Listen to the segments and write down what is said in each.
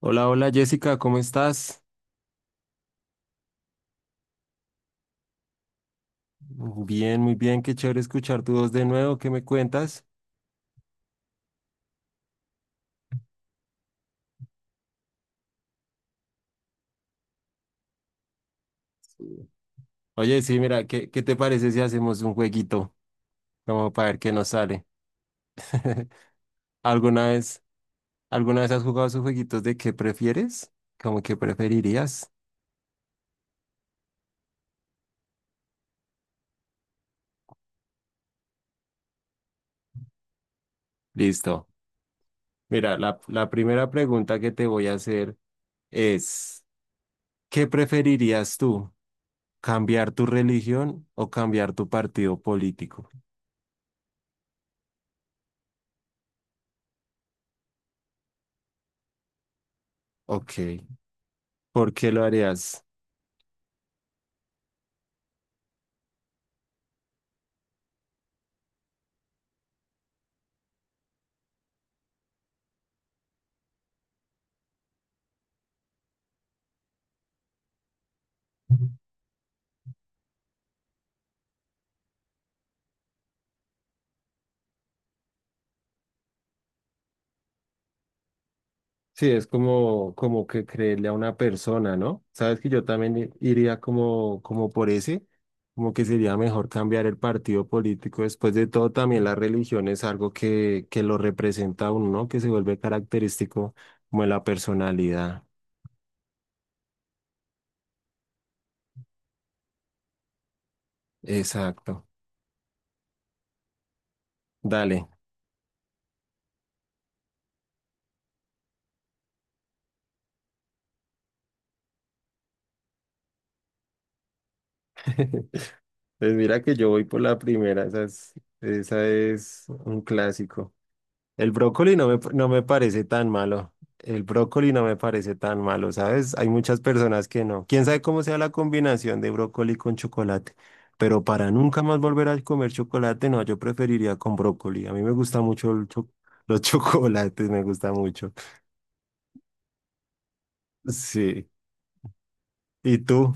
Hola, hola Jessica, ¿cómo estás? Bien, muy bien, qué chévere escuchar tu voz de nuevo, ¿qué me cuentas? Sí. Oye, sí, mira, ¿qué te parece si hacemos un jueguito? Como para ver qué nos sale. ¿Alguna vez, alguna vez has jugado esos jueguitos de qué prefieres? ¿Cómo que preferirías? Listo. Mira, la primera pregunta que te voy a hacer es, ¿qué preferirías tú? ¿Cambiar tu religión o cambiar tu partido político? Ok, ¿por qué lo harías? Sí, es como, como que creerle a una persona, ¿no? Sabes que yo también iría como, como por ese, como que sería mejor cambiar el partido político. Después de todo, también la religión es algo que lo representa a uno, ¿no? Que se vuelve característico como de la personalidad. Exacto. Dale. Pues mira que yo voy por la primera, esa es un clásico. El brócoli no me, no me parece tan malo. El brócoli no me parece tan malo, ¿sabes? Hay muchas personas que no. Quién sabe cómo sea la combinación de brócoli con chocolate. Pero para nunca más volver a comer chocolate, no, yo preferiría con brócoli. A mí me gusta mucho el los chocolates, me gusta mucho. Sí. ¿Y tú?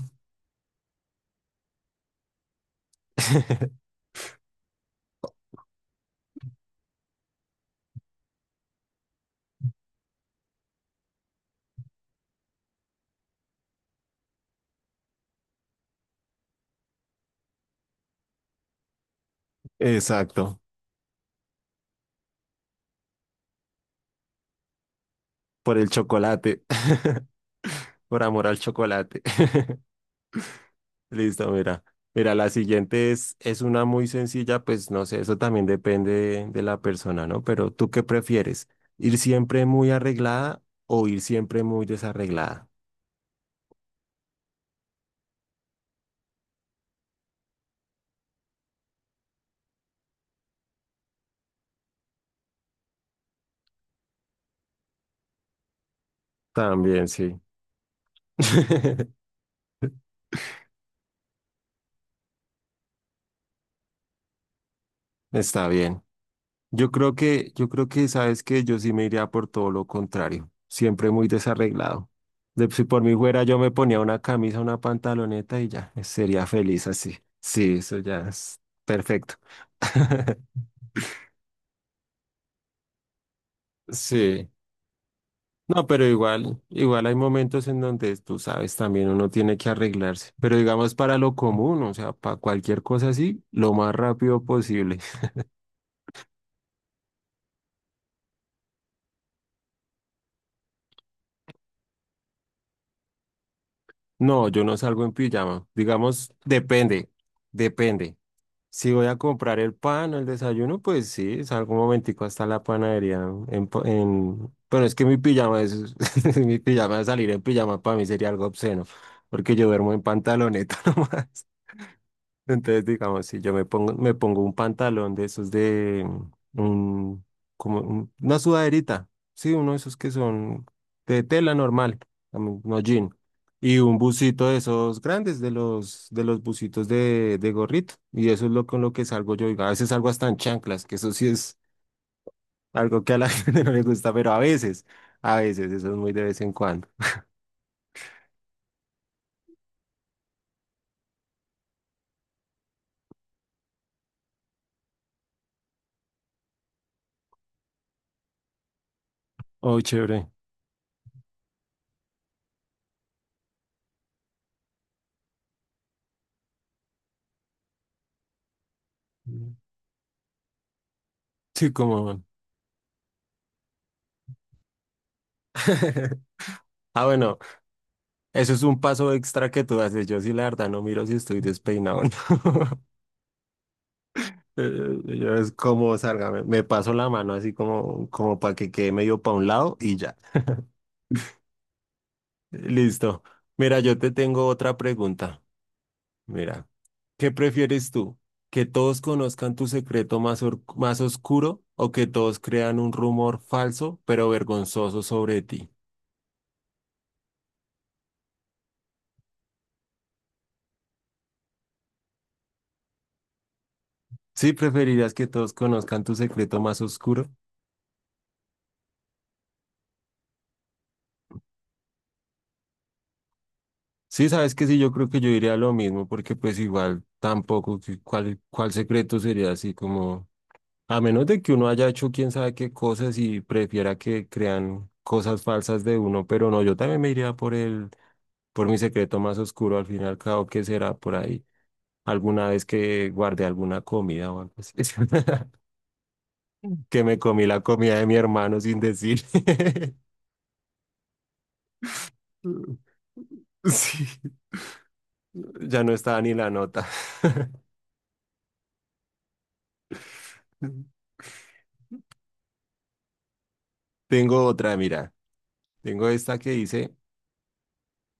Exacto. Por el chocolate. Por amor al chocolate. Listo, mira. Mira, la siguiente es una muy sencilla, pues no sé, eso también depende de, la persona, ¿no? Pero ¿tú qué prefieres? ¿Ir siempre muy arreglada o ir siempre muy desarreglada? También, sí. Está bien. Yo creo que, sabes que yo sí me iría por todo lo contrario, siempre muy desarreglado. De, si por mí fuera, yo me ponía una camisa, una pantaloneta y ya, sería feliz así. Sí, eso ya es perfecto. Sí. No, pero igual, igual hay momentos en donde tú sabes también uno tiene que arreglarse, pero digamos para lo común, o sea, para cualquier cosa así, lo más rápido posible. No, yo no salgo en pijama, digamos, depende, depende. Si voy a comprar el pan o el desayuno, pues sí, salgo un momentico hasta la panadería en, en... Pero es que mi pijama es, mi pijama salir en pijama para mí sería algo obsceno, porque yo duermo en pantaloneta nomás. Entonces, digamos, si yo me pongo un pantalón de esos de un, como una sudaderita, sí, uno de esos que son de tela normal, no jean, y un busito de esos grandes, de de los busitos de gorrito, y eso es lo con lo que salgo yo, y a veces salgo hasta en chanclas, que eso sí es algo que a la gente no le gusta, pero a veces, eso es muy de vez en cuando. Oh, chévere. Sí, como... Ah, bueno. Eso es un paso extra que tú haces. Yo sí, la verdad, no miro si estoy despeinado o no. Yo es como salga, me paso la mano así como, como para que quede medio para un lado y ya. Listo. Mira, yo te tengo otra pregunta. Mira, ¿qué prefieres tú? ¿Que todos conozcan tu secreto más oscuro o que todos crean un rumor falso pero vergonzoso sobre ti? ¿Sí preferirías que todos conozcan tu secreto más oscuro? Sí, sabes que sí, yo creo que yo diría lo mismo, porque pues igual tampoco, que ¿cuál secreto sería así como, a menos de que uno haya hecho quién sabe qué cosas y prefiera que crean cosas falsas de uno, pero no, yo también me iría por el, por mi secreto más oscuro, al fin y al cabo, que será por ahí, alguna vez que guardé alguna comida o algo así, que me comí la comida de mi hermano sin decir. Sí, ya no estaba ni la nota. Tengo otra, mira. Tengo esta que dice,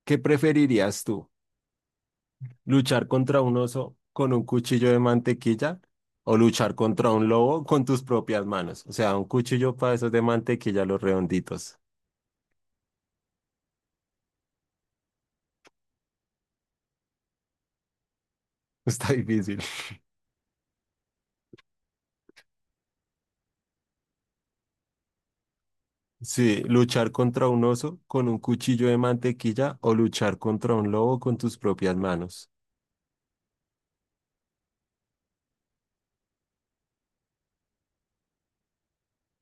¿qué preferirías tú? ¿Luchar contra un oso con un cuchillo de mantequilla o luchar contra un lobo con tus propias manos? O sea, un cuchillo para esos de mantequilla, los redonditos. Está difícil. Sí, luchar contra un oso con un cuchillo de mantequilla o luchar contra un lobo con tus propias manos.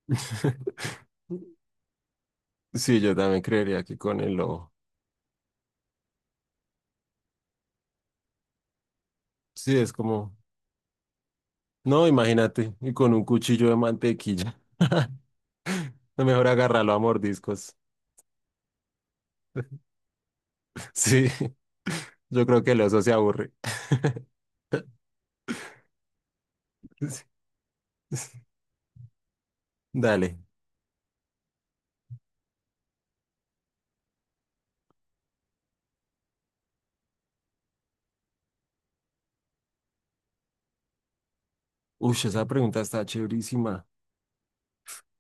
Sí, yo también creería que con el lobo. Sí, es como, no, imagínate, y con un cuchillo de mantequilla. Mejor agárralo a mordiscos. Sí, yo creo que el oso se aburre. Sí. Dale. Uy, esa pregunta está chéverísima.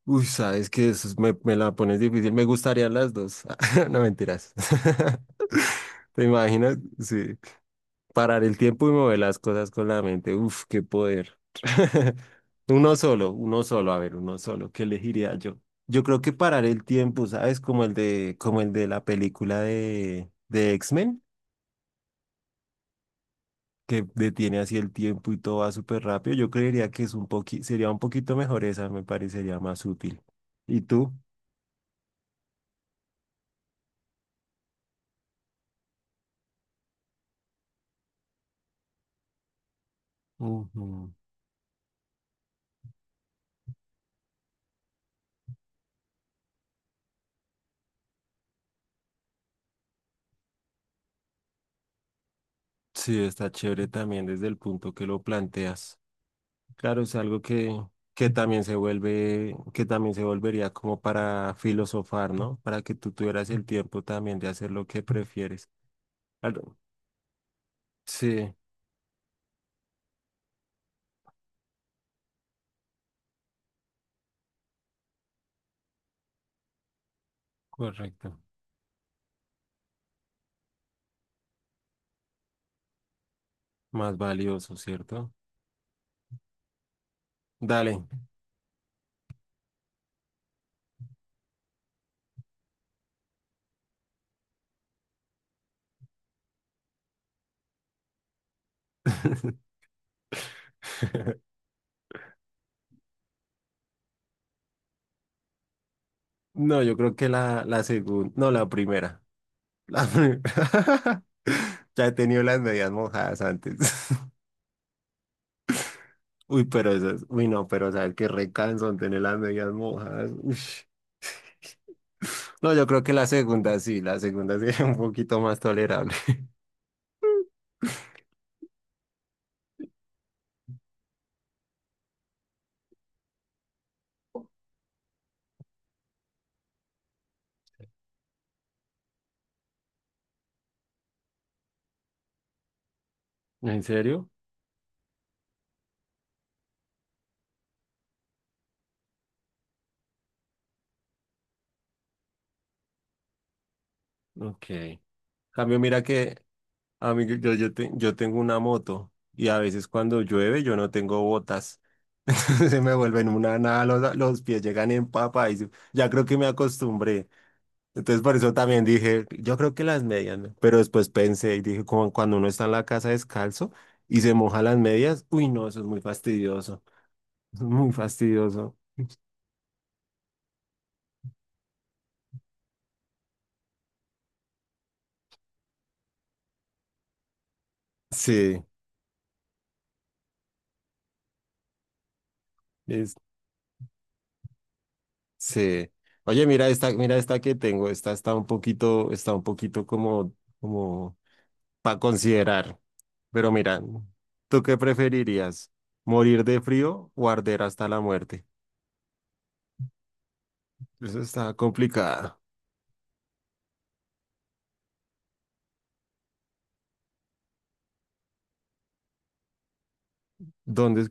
Uy, sabes que eso me la pones difícil. Me gustarían las dos. No mentiras. ¿Te imaginas? Sí. Parar el tiempo y mover las cosas con la mente. Uf, qué poder. Uno solo, a ver, uno solo. ¿Qué elegiría yo? Yo creo que parar el tiempo, ¿sabes? Como el de la película de X-Men, que detiene así el tiempo y todo va súper rápido. Yo creería que es un poqui, sería un poquito mejor esa, me parecería más útil. ¿Y tú? Ujú. Sí, está chévere también desde el punto que lo planteas. Claro, es algo que también se vuelve, que también se volvería como para filosofar, ¿no? Para que tú tuvieras el tiempo también de hacer lo que prefieres. Algo- Sí, correcto. Más valioso, ¿cierto? Dale. No, yo creo que la segunda, no, la primera. La primera. Ya he tenido las medias mojadas antes. Uy, pero esas, uy, no, pero sabes qué recanso tener las medias mojadas. Uy. No, yo creo que la segunda sí es un poquito más tolerable. ¿En serio? Ok. Cambio, mira que a mí, yo tengo una moto y a veces cuando llueve yo no tengo botas. Se me vuelven una nada, los pies llegan en papa y ya creo que me acostumbré. Entonces por eso también dije, yo creo que las medias, ¿no? Pero después pensé y dije, como cuando uno está en la casa descalzo y se moja las medias, uy, no, eso es muy fastidioso. Eso es muy fastidioso. Sí. Sí. Oye, mira esta que tengo. Esta está un poquito como, como para considerar. Pero mira, ¿tú qué preferirías? ¿Morir de frío o arder hasta la muerte? Eso está complicada. ¿Dónde,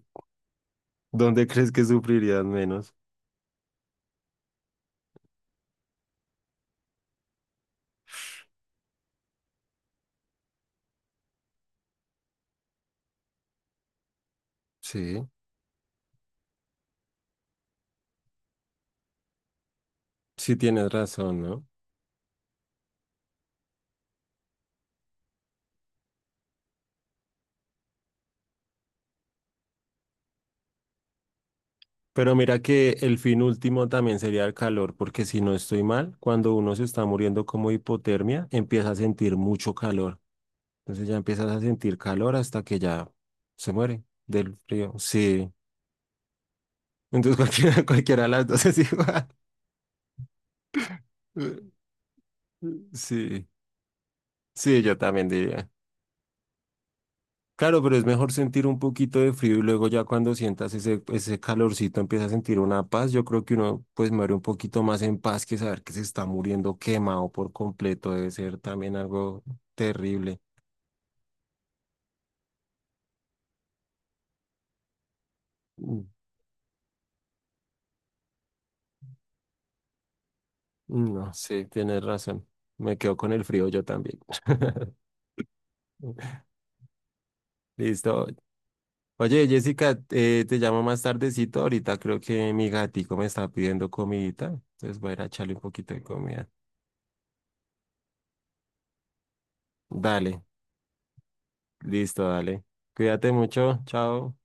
dónde crees que sufrirías menos? Sí, sí tienes razón, ¿no? Pero mira que el fin último también sería el calor, porque si no estoy mal, cuando uno se está muriendo como hipotermia, empieza a sentir mucho calor. Entonces ya empiezas a sentir calor hasta que ya se muere del frío. Sí. Entonces cualquiera, cualquiera de las dos es igual. Sí, sí, yo también diría. Claro, pero es mejor sentir un poquito de frío y luego ya cuando sientas ese calorcito empiezas a sentir una paz. Yo creo que uno pues muere un poquito más en paz que saber que se está muriendo quemado por completo. Debe ser también algo terrible. Mm, No, sí, tienes razón. Me quedo con el frío yo también. Listo. Oye, Jessica, te llamo más tardecito. Ahorita creo que mi gatico me está pidiendo comidita. Entonces voy a ir a echarle un poquito de comida. Dale, listo, dale. Cuídate mucho. Chao.